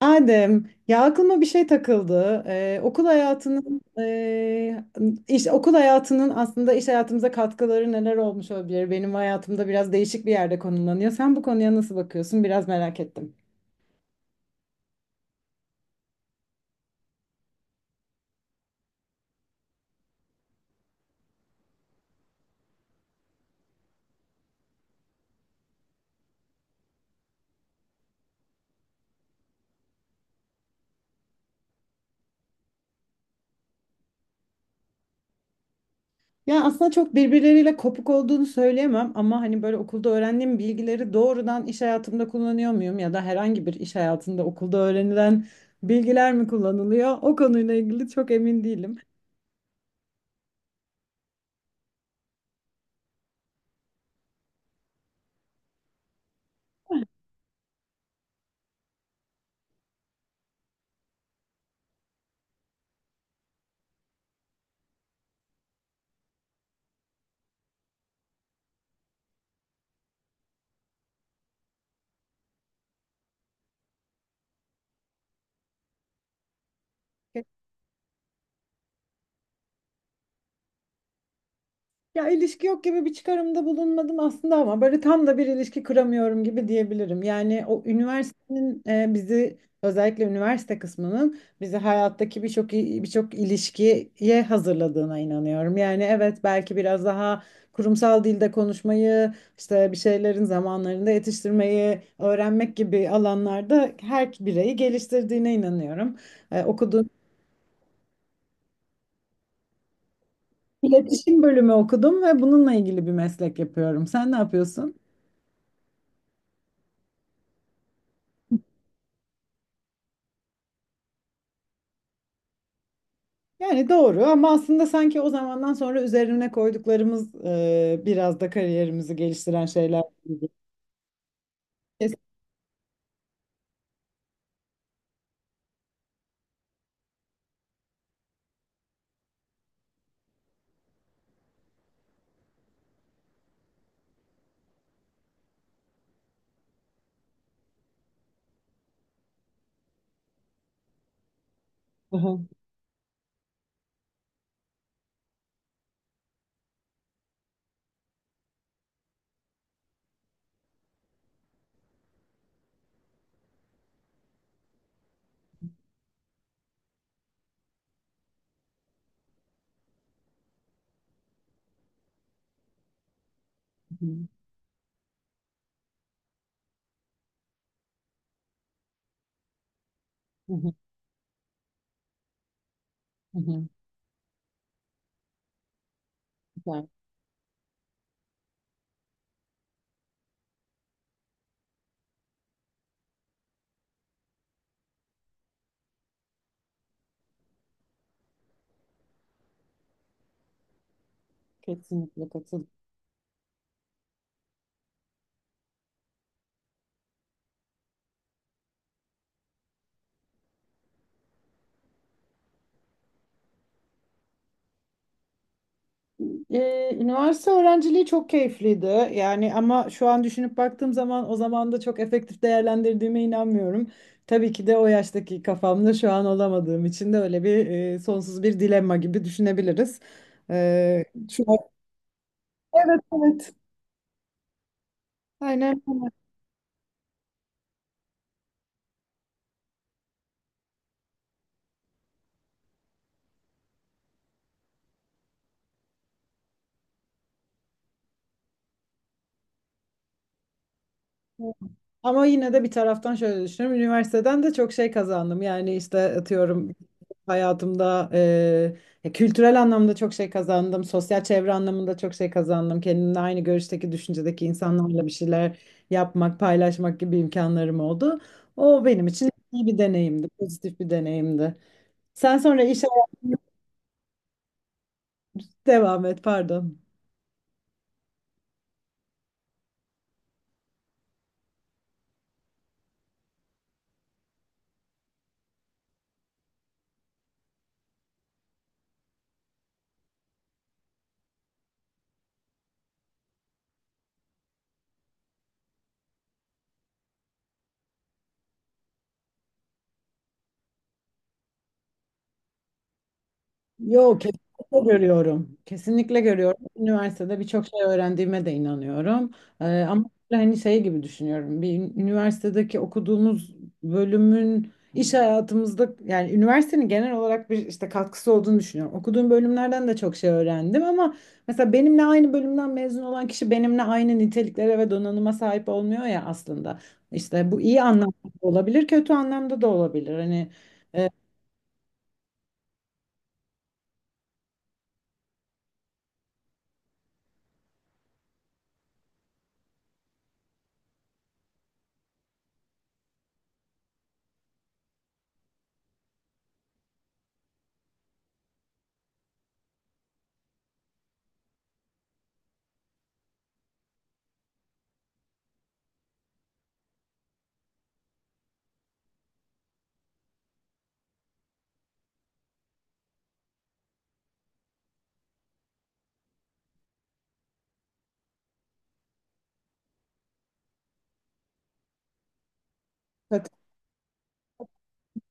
Adem, ya aklıma bir şey takıldı. Okul hayatının e, iş okul hayatının aslında iş hayatımıza katkıları neler olmuş olabilir? Benim hayatımda biraz değişik bir yerde konumlanıyor. Sen bu konuya nasıl bakıyorsun? Biraz merak ettim. Ya aslında çok birbirleriyle kopuk olduğunu söyleyemem ama hani böyle okulda öğrendiğim bilgileri doğrudan iş hayatımda kullanıyor muyum ya da herhangi bir iş hayatında okulda öğrenilen bilgiler mi kullanılıyor? O konuyla ilgili çok emin değilim. Ya ilişki yok gibi bir çıkarımda bulunmadım aslında ama böyle tam da bir ilişki kuramıyorum gibi diyebilirim. Yani o üniversitenin bizi özellikle üniversite kısmının bizi hayattaki birçok ilişkiye hazırladığına inanıyorum. Yani evet belki biraz daha kurumsal dilde konuşmayı, işte bir şeylerin zamanlarında yetiştirmeyi öğrenmek gibi alanlarda her bireyi geliştirdiğine inanıyorum. E, okuduğum iletişim bölümü okudum ve bununla ilgili bir meslek yapıyorum. Sen ne yapıyorsun? Yani doğru ama aslında sanki o zamandan sonra üzerine koyduklarımız biraz da kariyerimizi geliştiren şeyler gibi. Kes- Hı hı, hı hı, hı hı. Güzel. Kesinlikle katıl. Üniversite öğrenciliği çok keyifliydi. Yani ama şu an düşünüp baktığım zaman o zaman da çok efektif değerlendirdiğime inanmıyorum. Tabii ki de o yaştaki kafamda şu an olamadığım için de öyle bir sonsuz bir dilemma gibi düşünebiliriz. Ee, şu an- Evet, evet. Aynen. Ama yine de bir taraftan şöyle düşünüyorum. Üniversiteden de çok şey kazandım. Yani işte atıyorum hayatımda kültürel anlamda çok şey kazandım. Sosyal çevre anlamında çok şey kazandım. Kendimle aynı görüşteki, düşüncedeki insanlarla bir şeyler yapmak, paylaşmak gibi imkanlarım oldu. O benim için iyi bir deneyimdi, pozitif bir deneyimdi. Sen sonra iş hayatına devam et, pardon. Yok, kesinlikle görüyorum. Kesinlikle görüyorum. Üniversitede birçok şey öğrendiğime de inanıyorum. Ama hani şey gibi düşünüyorum. Bir üniversitedeki okuduğumuz bölümün iş hayatımızda yani üniversitenin genel olarak bir işte katkısı olduğunu düşünüyorum. Okuduğum bölümlerden de çok şey öğrendim ama mesela benimle aynı bölümden mezun olan kişi benimle aynı niteliklere ve donanıma sahip olmuyor ya aslında. İşte bu iyi anlamda da olabilir, kötü anlamda da olabilir. E,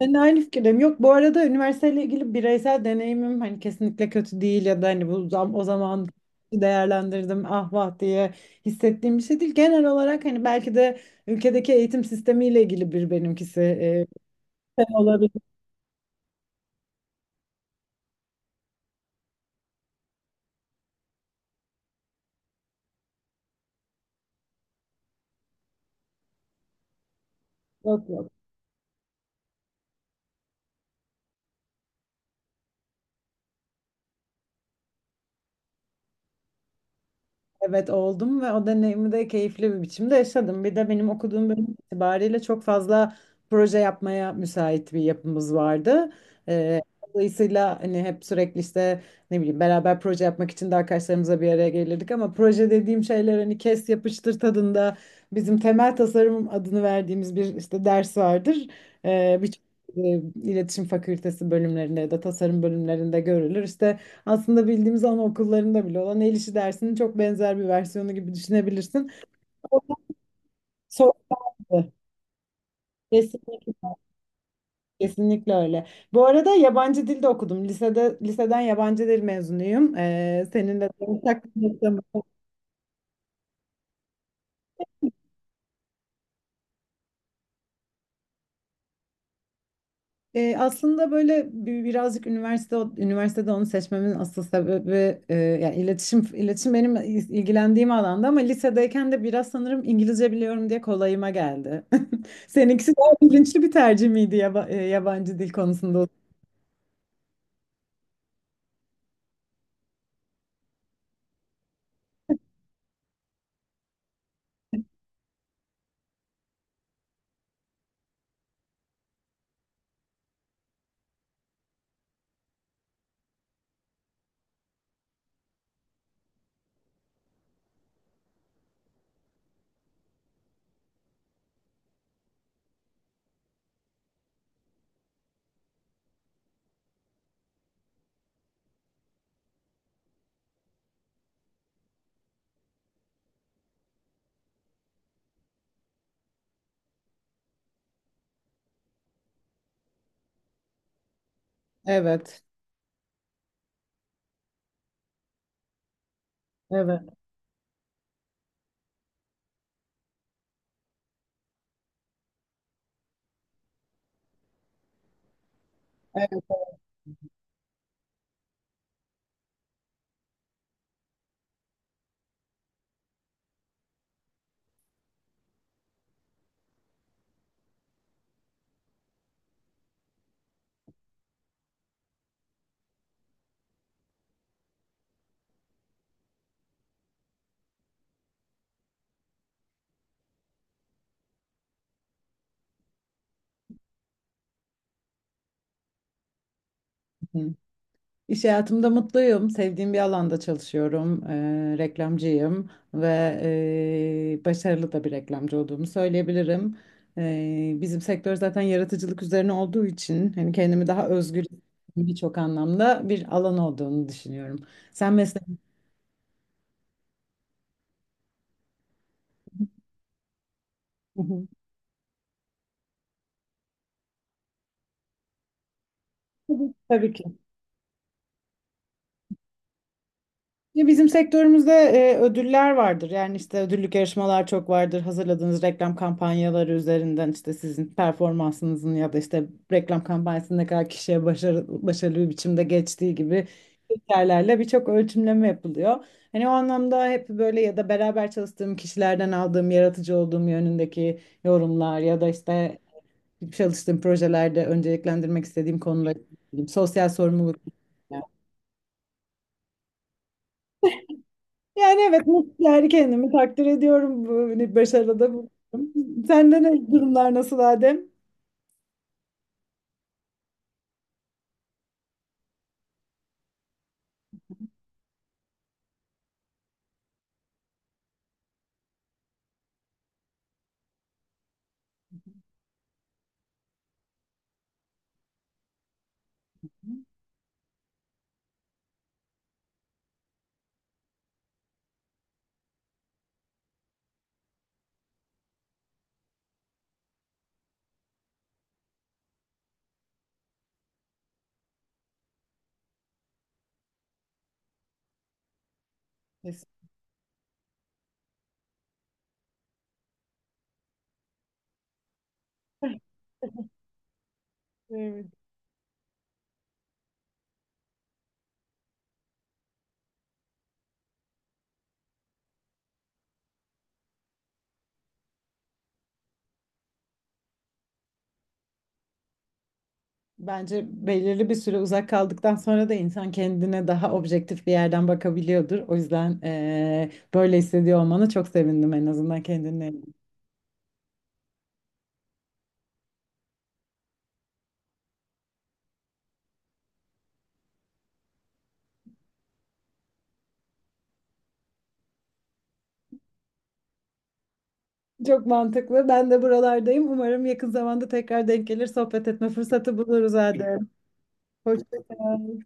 Ben de aynı fikirdeyim. Yok bu arada üniversiteyle ilgili bireysel deneyimim hani kesinlikle kötü değil ya da o zaman değerlendirdim ah vah diye hissettiğim bir şey değil. Genel olarak hani belki de ülkedeki eğitim sistemiyle ilgili bir benimkisi olabilir. Evet oldum ve o deneyimi de keyifli bir biçimde yaşadım. Bir de benim okuduğum bölüm itibariyle çok fazla proje yapmaya müsait bir yapımız vardı. Ee, Dolayısıyla hani hep sürekli işte ne bileyim beraber proje yapmak için de arkadaşlarımızla bir araya gelirdik ama proje dediğim şeyler hani kes yapıştır tadında bizim temel tasarım adını verdiğimiz bir işte ders vardır. Birçok e, iletişim fakültesi bölümlerinde ya da tasarım bölümlerinde görülür. İşte aslında bildiğimiz anaokullarında bile olan el işi dersinin çok benzer bir versiyonu gibi düşünebilirsin. Sordu. Kesinlikle, kesinlikle öyle. Bu arada yabancı dilde okudum. Lisede, liseden yabancı dil mezunuyum. Seninle de ortak bir noktamız. Aslında birazcık üniversitede onu seçmemin asıl sebebi, yani iletişim benim ilgilendiğim alanda ama lisedeyken de biraz sanırım İngilizce biliyorum diye kolayıma geldi. Seninkisi daha bilinçli bir tercih miydi yabancı dil konusunda? Evet. Evet. Evet. İş hayatımda mutluyum. Sevdiğim bir alanda çalışıyorum. Reklamcıyım ve başarılı da bir reklamcı olduğumu söyleyebilirim. Bizim sektör zaten yaratıcılık üzerine olduğu için hani kendimi daha özgür birçok anlamda bir alan olduğunu düşünüyorum. Sen mesleğin tabii ki. Ya bizim sektörümüzde ödüller vardır. Yani işte ödüllük yarışmalar çok vardır. Hazırladığınız reklam kampanyaları üzerinden işte sizin performansınızın ya da işte reklam kampanyasının ne kadar kişiye başarı, başarılı bir biçimde geçtiği gibi kriterlerle birçok ölçümleme yapılıyor. Hani o anlamda hep böyle ya da beraber çalıştığım kişilerden aldığım yaratıcı olduğum yönündeki yorumlar ya da işte çalıştığım projelerde önceliklendirmek istediğim konular, sosyal sorumluluk. Yani evet mutlu yani kendimi takdir ediyorum bu hani başarıda bulunuyorum. Sende ne durumlar nasıl Adem? Kesinlikle. Bence belirli bir süre uzak kaldıktan sonra da insan kendine daha objektif bir yerden bakabiliyordur. O yüzden böyle hissediyor olmana çok sevindim en azından kendinle. Çok mantıklı. Ben de buralardayım. Umarım yakın zamanda tekrar denk gelir, sohbet etme fırsatı buluruz Adem. Hoşça kal.